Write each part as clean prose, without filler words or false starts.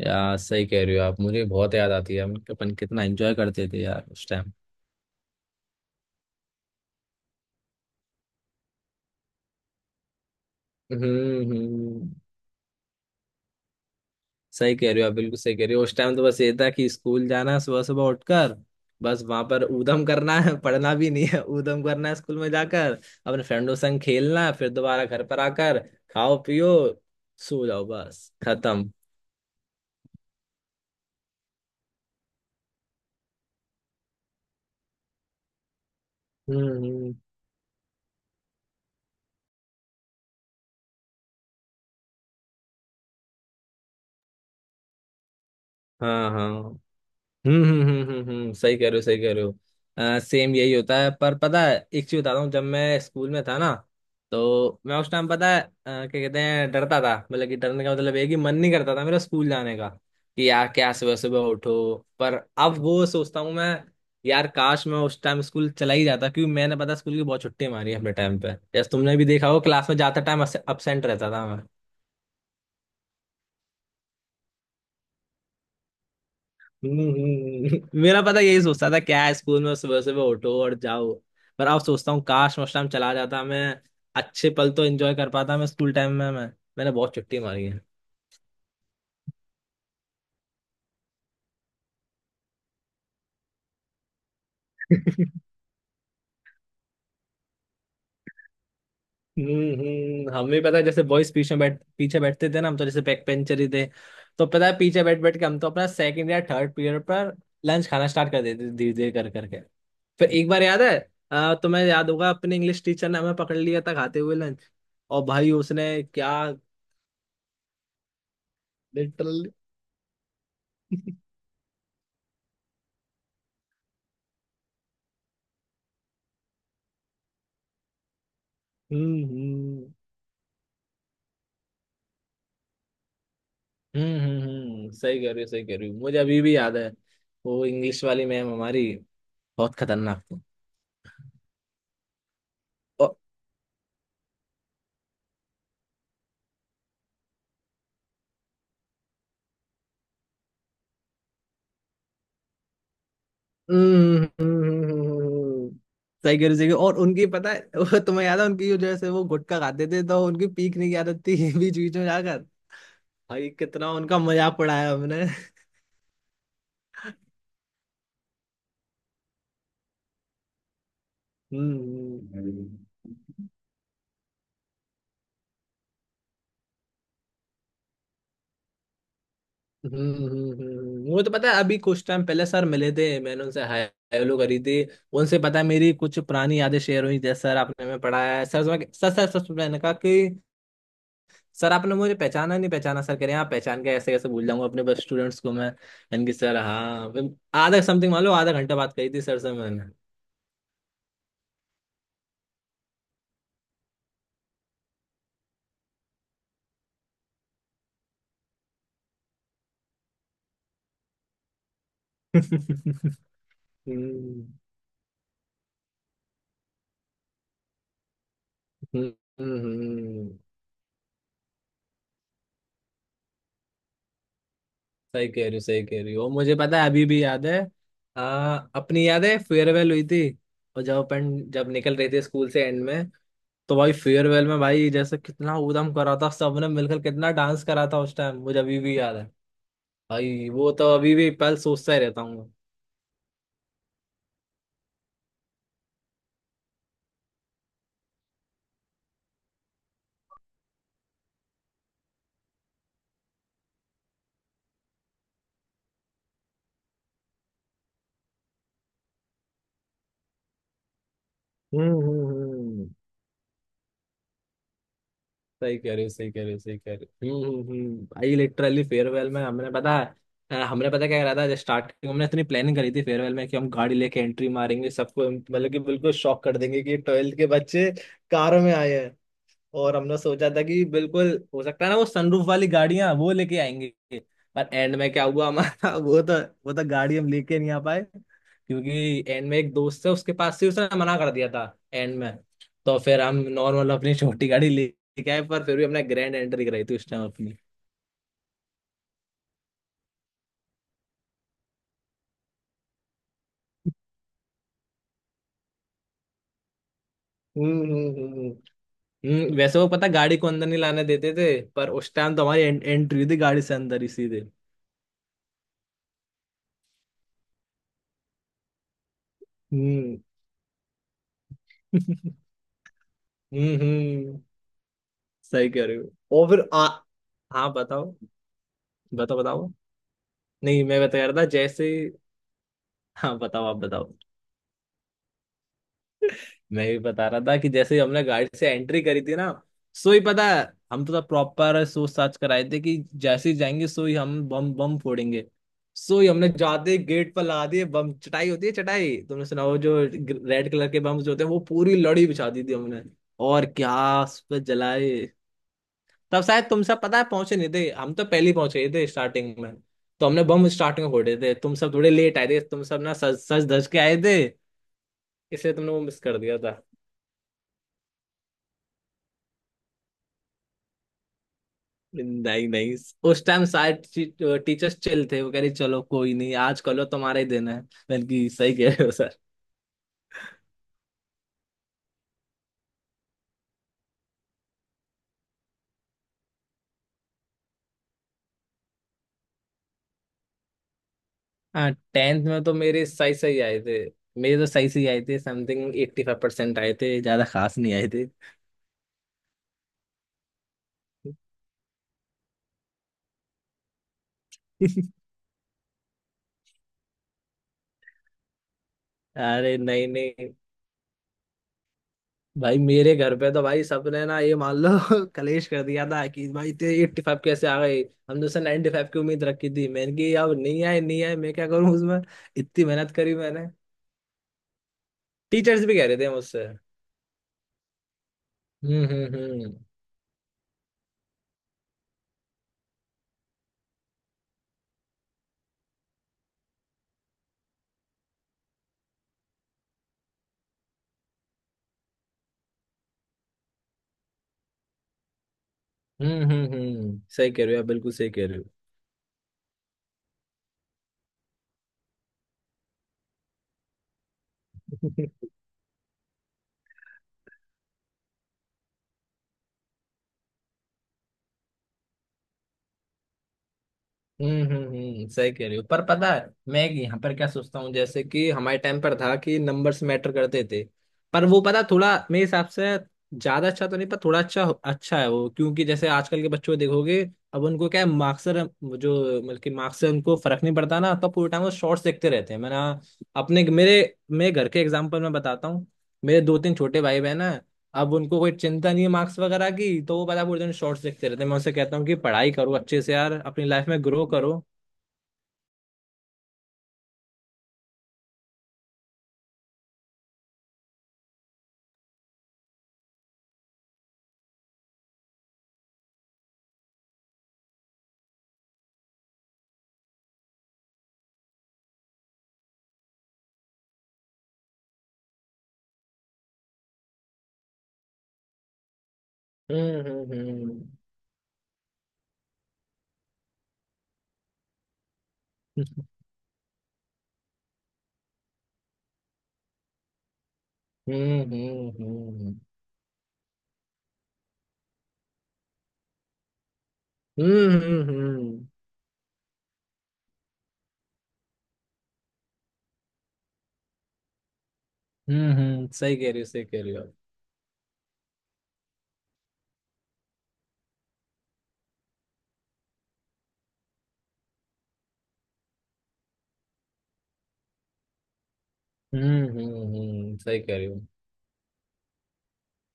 यार सही कह रहे हो आप। मुझे बहुत याद आती है। हम अपन कितना एंजॉय करते थे यार उस टाइम। हम्म। हम्म। सही कह रहे हो आप, बिल्कुल सही कह रहे हो। उस टाइम तो बस ये था कि स्कूल जाना है सुबह सुबह उठकर, बस वहां पर ऊधम करना है। पढ़ना भी नहीं है, ऊधम करना है स्कूल में जाकर, अपने फ्रेंडों संग खेलना है, फिर दोबारा घर पर आकर खाओ पियो सो जाओ, बस खत्म। हम्म। हम्म। हाँ। हाँ। हम्म। हम्म। हम्म। हम्म। हम्म। सही कह रहे हो, सही कह रहे हो, सेम यही होता है। पर पता है एक चीज बताता हूँ, जब मैं स्कूल में था ना, तो मैं उस टाइम पता है क्या कहते हैं, डरता था। मतलब कि डरने का मतलब ये है कि मन नहीं करता था मेरा स्कूल जाने का कि यार क्या सुबह सुबह उठो। पर अब वो सोचता हूँ मैं, यार काश मैं उस टाइम स्कूल चला ही जाता, क्योंकि मैंने पता स्कूल की बहुत छुट्टी मारी है अपने टाइम पे। जैसे तुमने भी देखा हो, क्लास में जाते टाइम अब्सेंट रहता था। हम्म। हम्म। हम्म। मेरा पता यही सोचता था क्या है स्कूल में, सुबह सुबह उठो और जाओ। पर अब सोचता हूँ काश उस टाइम चला जाता मैं, अच्छे पल तो एंजॉय कर पाता मैं स्कूल टाइम में। मैं मैंने बहुत छुट्टी मारी है। हम्म। हम्म। हमें पता है जैसे बॉयज पीछे बैठ पीछे बैठते थे ना। हम तो जैसे बैक पेंचर ही थे, तो पता है पीछे बैठ बैठ के हम तो अपना सेकंड या थर्ड पीरियड पर लंच खाना स्टार्ट कर देते थे, धीरे धीरे कर करके। फिर एक बार याद है, तुम्हें याद होगा अपने इंग्लिश टीचर ने हमें पकड़ लिया था खाते हुए लंच। और भाई उसने क्या, लिटरली। हम्म। हम्म। हम्म। हम्म। हम्म। सही कह रही हो, सही कह रही हो। मुझे अभी भी याद है वो इंग्लिश वाली मैम हमारी बहुत खतरनाक थी। और हम्म। हम्म। हम्म। हम्म। हम्म। हम्म। हम्म। सही कह रही हो, सही कह रही हो। और उनकी पता है, वो तुम्हें याद है उनकी, जो जैसे वो गुटखा खाते थे तो उनकी पीकने की आदत थी बीच बीच में जाकर। भाई कितना उनका मजाक उड़ाया हमने। हम्म। हम्म। हम्म। हम्म। हम्म। वो तो पता है अभी कुछ टाइम पहले सर मिले थे, मैंने उनसे हाय हेलो करी थी। उनसे पता है मेरी कुछ पुरानी यादें शेयर हुई, जैसे सर आपने हमें पढ़ाया है सर, सर सर सर मैंने कहा कि सर आपने मुझे पहचाना नहीं पहचाना? सर कह रहे हैं, आप पहचान के ऐसे कैसे भूल जाऊंगा अपने बस स्टूडेंट्स को मैं, यानी कि सर। हाँ फिर आधा समथिंग मान लो आधा घंटा बात करी थी सर से मैंने। हम्म। हम्म। हम्म। हम्म। सही कह रही हो, सही कह रही हो। मुझे पता है, अभी भी याद है अपनी याद है फेयरवेल हुई थी, और जब अपन जब निकल रहे थे स्कूल से एंड में, तो भाई फेयरवेल में भाई जैसे कितना ऊधम करा था सबने मिलकर, कितना डांस करा था उस टाइम, मुझे अभी भी याद है भाई। वो तो अभी भी पल सोचता ही रहता हूँ मैं। हम्म। हम्म। हम्म। सही कह रहे हो, सही कह रहे हो, सही कह रहे हो। हम्म। हम्म। हम्म। भाई लिटरली फेयरवेल में हमने पता, है हमने पता क्या करा था, जब स्टार्टिंग हमने इतनी प्लानिंग करी थी फेयरवेल में कि हम गाड़ी लेके एंट्री मारेंगे सबको, मतलब कि बिल्कुल शॉक कर देंगे कि 12th के बच्चे कार में आए। और हमने सोचा था कि बिल्कुल हो सकता है ना वो सनरूफ वाली गाड़ियां वो लेके आएंगे। पर एंड में क्या हुआ हमारा, वो तो गाड़ी हम लेके नहीं आ पाए, क्योंकि एंड में एक दोस्त है उसके पास से उसने मना कर दिया था एंड में। तो फिर हम नॉर्मल अपनी छोटी गाड़ी लेके आए, पर फिर भी हमने ग्रैंड एंट्री कराई थी उस टाइम अपनी। हम्म। हम्म। हम्म। हम्म। वैसे वो पता गाड़ी को अंदर नहीं लाने देते थे, पर उस टाइम तो हमारी एंट्री हुई थी गाड़ी से अंदर ही सीधे। हम्म। हम्म। हम्म। सही कह रहे हो। और फिर आ हाँ बताओ, बताओ, बताओ, नहीं मैं बता रहा था जैसे। हाँ बताओ, आप बताओ। मैं भी बता रहा था कि जैसे ही हमने गाड़ी से एंट्री करी थी ना, सो ही पता है, हम तो प्रॉपर सोच साच कर आए थे कि जैसे ही जाएंगे सो ही हम बम बम फोड़ेंगे। सो ही हमने जाते गेट पर ला दिए बम, चटाई होती है चटाई, तुमने सुना वो जो रेड कलर के बम्स होते हैं, वो पूरी लड़ी बिछा दी थी हमने। और क्या, उस पे जलाए। तब शायद तुम सब पता है पहुंचे नहीं थे, हम तो पहले ही पहुंचे ही थे स्टार्टिंग में। तो हमने बम स्टार्टिंग में फोड़े थे, तुम सब थोड़े लेट आए थे, तुम सब ना सज सज धज के आए थे, इसलिए तुमने वो मिस कर दिया था। नहीं नहीं उस टाइम शायद टीचर्स चिल थे, वो कह रही चलो कोई नहीं, आज कल तुम्हारा ही दिन है, मैंने कि सही कह रहे हो सर। हाँ 10th में तो मेरे सही सही आए थे, मेरे तो सही सही आए थे, समथिंग 85% आए थे, ज्यादा खास नहीं आए थे। अरे नहीं नहीं भाई, मेरे घर पे तो भाई सबने ना ये मान लो कलेश कर दिया था कि भाई तेरे 85 कैसे आ गए। हमने उसे 95 की उम्मीद रखी थी, मैंने कि अब नहीं आए नहीं आए मैं क्या करूं उसमें, इतनी मेहनत करी मैंने, टीचर्स भी कह रहे थे मुझसे। हम्म। हम्म। हम्म। हम्म। हम्म। हम्म। सही कह रहे हो आप, बिल्कुल सही कह रहे हो। हम्म। हम्म। हम्म। सही कह रहे हो। पर पता है मैं यहाँ पर क्या सोचता हूँ, जैसे कि हमारे टाइम पर था कि नंबर्स मैटर करते थे, पर वो पता थोड़ा मेरे हिसाब से ज्यादा अच्छा तो नहीं, पर थोड़ा अच्छा अच्छा है वो, क्योंकि जैसे आजकल के बच्चों को देखोगे, अब उनको क्या है मार्क्स से, जो मतलब कि मार्क्स से उनको फर्क नहीं पड़ता ना। तब पूरे टाइम वो शॉर्ट्स देखते रहते हैं। मैंने अपने मेरे मेरे घर के एग्जाम्पल में बताता हूँ, मेरे दो तीन छोटे भाई बहन है, अब उनको कोई चिंता नहीं है मार्क्स वगैरह की, तो वो पता है पूरे दिन शॉर्ट्स देखते रहते हैं। मैं उनसे कहता हूँ कि पढ़ाई करो अच्छे से यार, अपनी लाइफ में ग्रो करो। हम्म। हम्म। हम्म। हम्म। हम्म। हम्म। हम्म। हम्म। हम्म। हम्म। हम्म। सही कह रही हो, सही कह रही हो। हम्म। हम्म। हम्म। सही कह रही हूँ।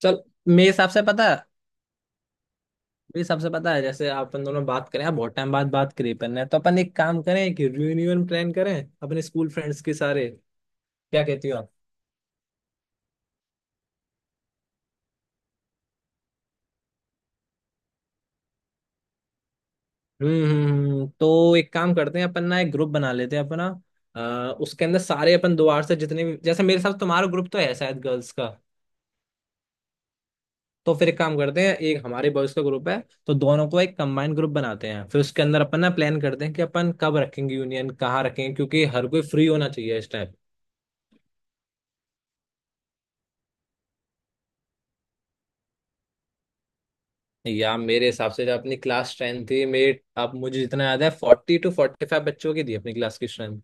चल मेरे हिसाब से पता है, मेरे हिसाब से पता है जैसे अपन दोनों बात करें, आप बहुत टाइम बाद बात करी अपन ने, तो अपन एक काम करें कि रियूनियन प्लान करें अपने स्कूल फ्रेंड्स के सारे। क्या कहती हो? हम्म। हम्म। हम्म। तो एक काम करते हैं अपन ना एक ग्रुप बना लेते हैं अपना, अ, उसके अंदर सारे अपन दोबार से, जितने भी जैसे मेरे साथ, तुम्हारा ग्रुप तो है शायद गर्ल्स का, तो फिर एक काम करते हैं, एक हमारे बॉयज का ग्रुप है, तो दोनों को एक कंबाइंड ग्रुप बनाते हैं। फिर उसके अंदर अपन ना प्लान करते हैं कि अपन कब रखेंगे यूनियन, कहाँ रखेंगे, क्योंकि हर कोई फ्री होना चाहिए इस टाइम। या मेरे हिसाब से जो अपनी क्लास स्ट्रेंथ थी, मेरे अब मुझे जितना याद है 42 45 बच्चों की थी अपनी क्लास की स्ट्रेंथ।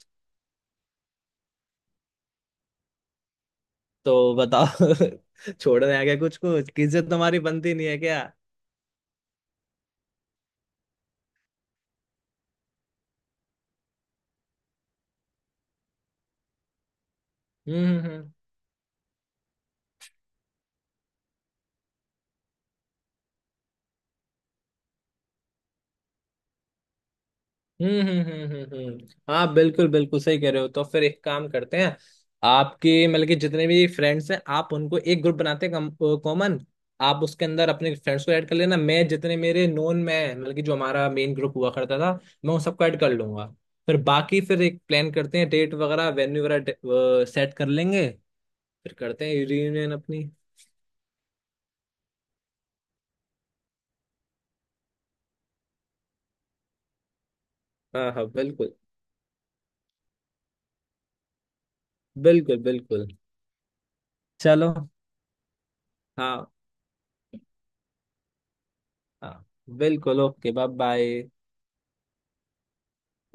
तो बताओ। छोड़ने आ गया कुछ कुछ किज्जत तुम्हारी बनती नहीं है क्या? हम्म। हम्म। हम्म। हम्म। हम्म। हम्म। हम्म। हम्म। हाँ बिल्कुल बिल्कुल, सही कह रहे हो, तो फिर एक काम करते हैं आपके, मतलब कि जितने भी फ्रेंड्स हैं आप उनको एक ग्रुप बनाते हैं कॉमन, आप उसके अंदर अपने फ्रेंड्स को ऐड कर लेना, मैं जितने मेरे नोन में हैं, मतलब कि जो हमारा मेन ग्रुप हुआ करता था मैं उन सबको ऐड कर लूंगा। फिर बाकी फिर एक प्लान करते हैं, डेट वगैरह वेन्यू वगैरह सेट कर लेंगे, फिर करते हैं रियूनियन अपनी। हाँ हाँ बिल्कुल बिल्कुल। बिल्कुल। चलो। हाँ। हाँ। बिल्कुल, ओके, बाय बाय।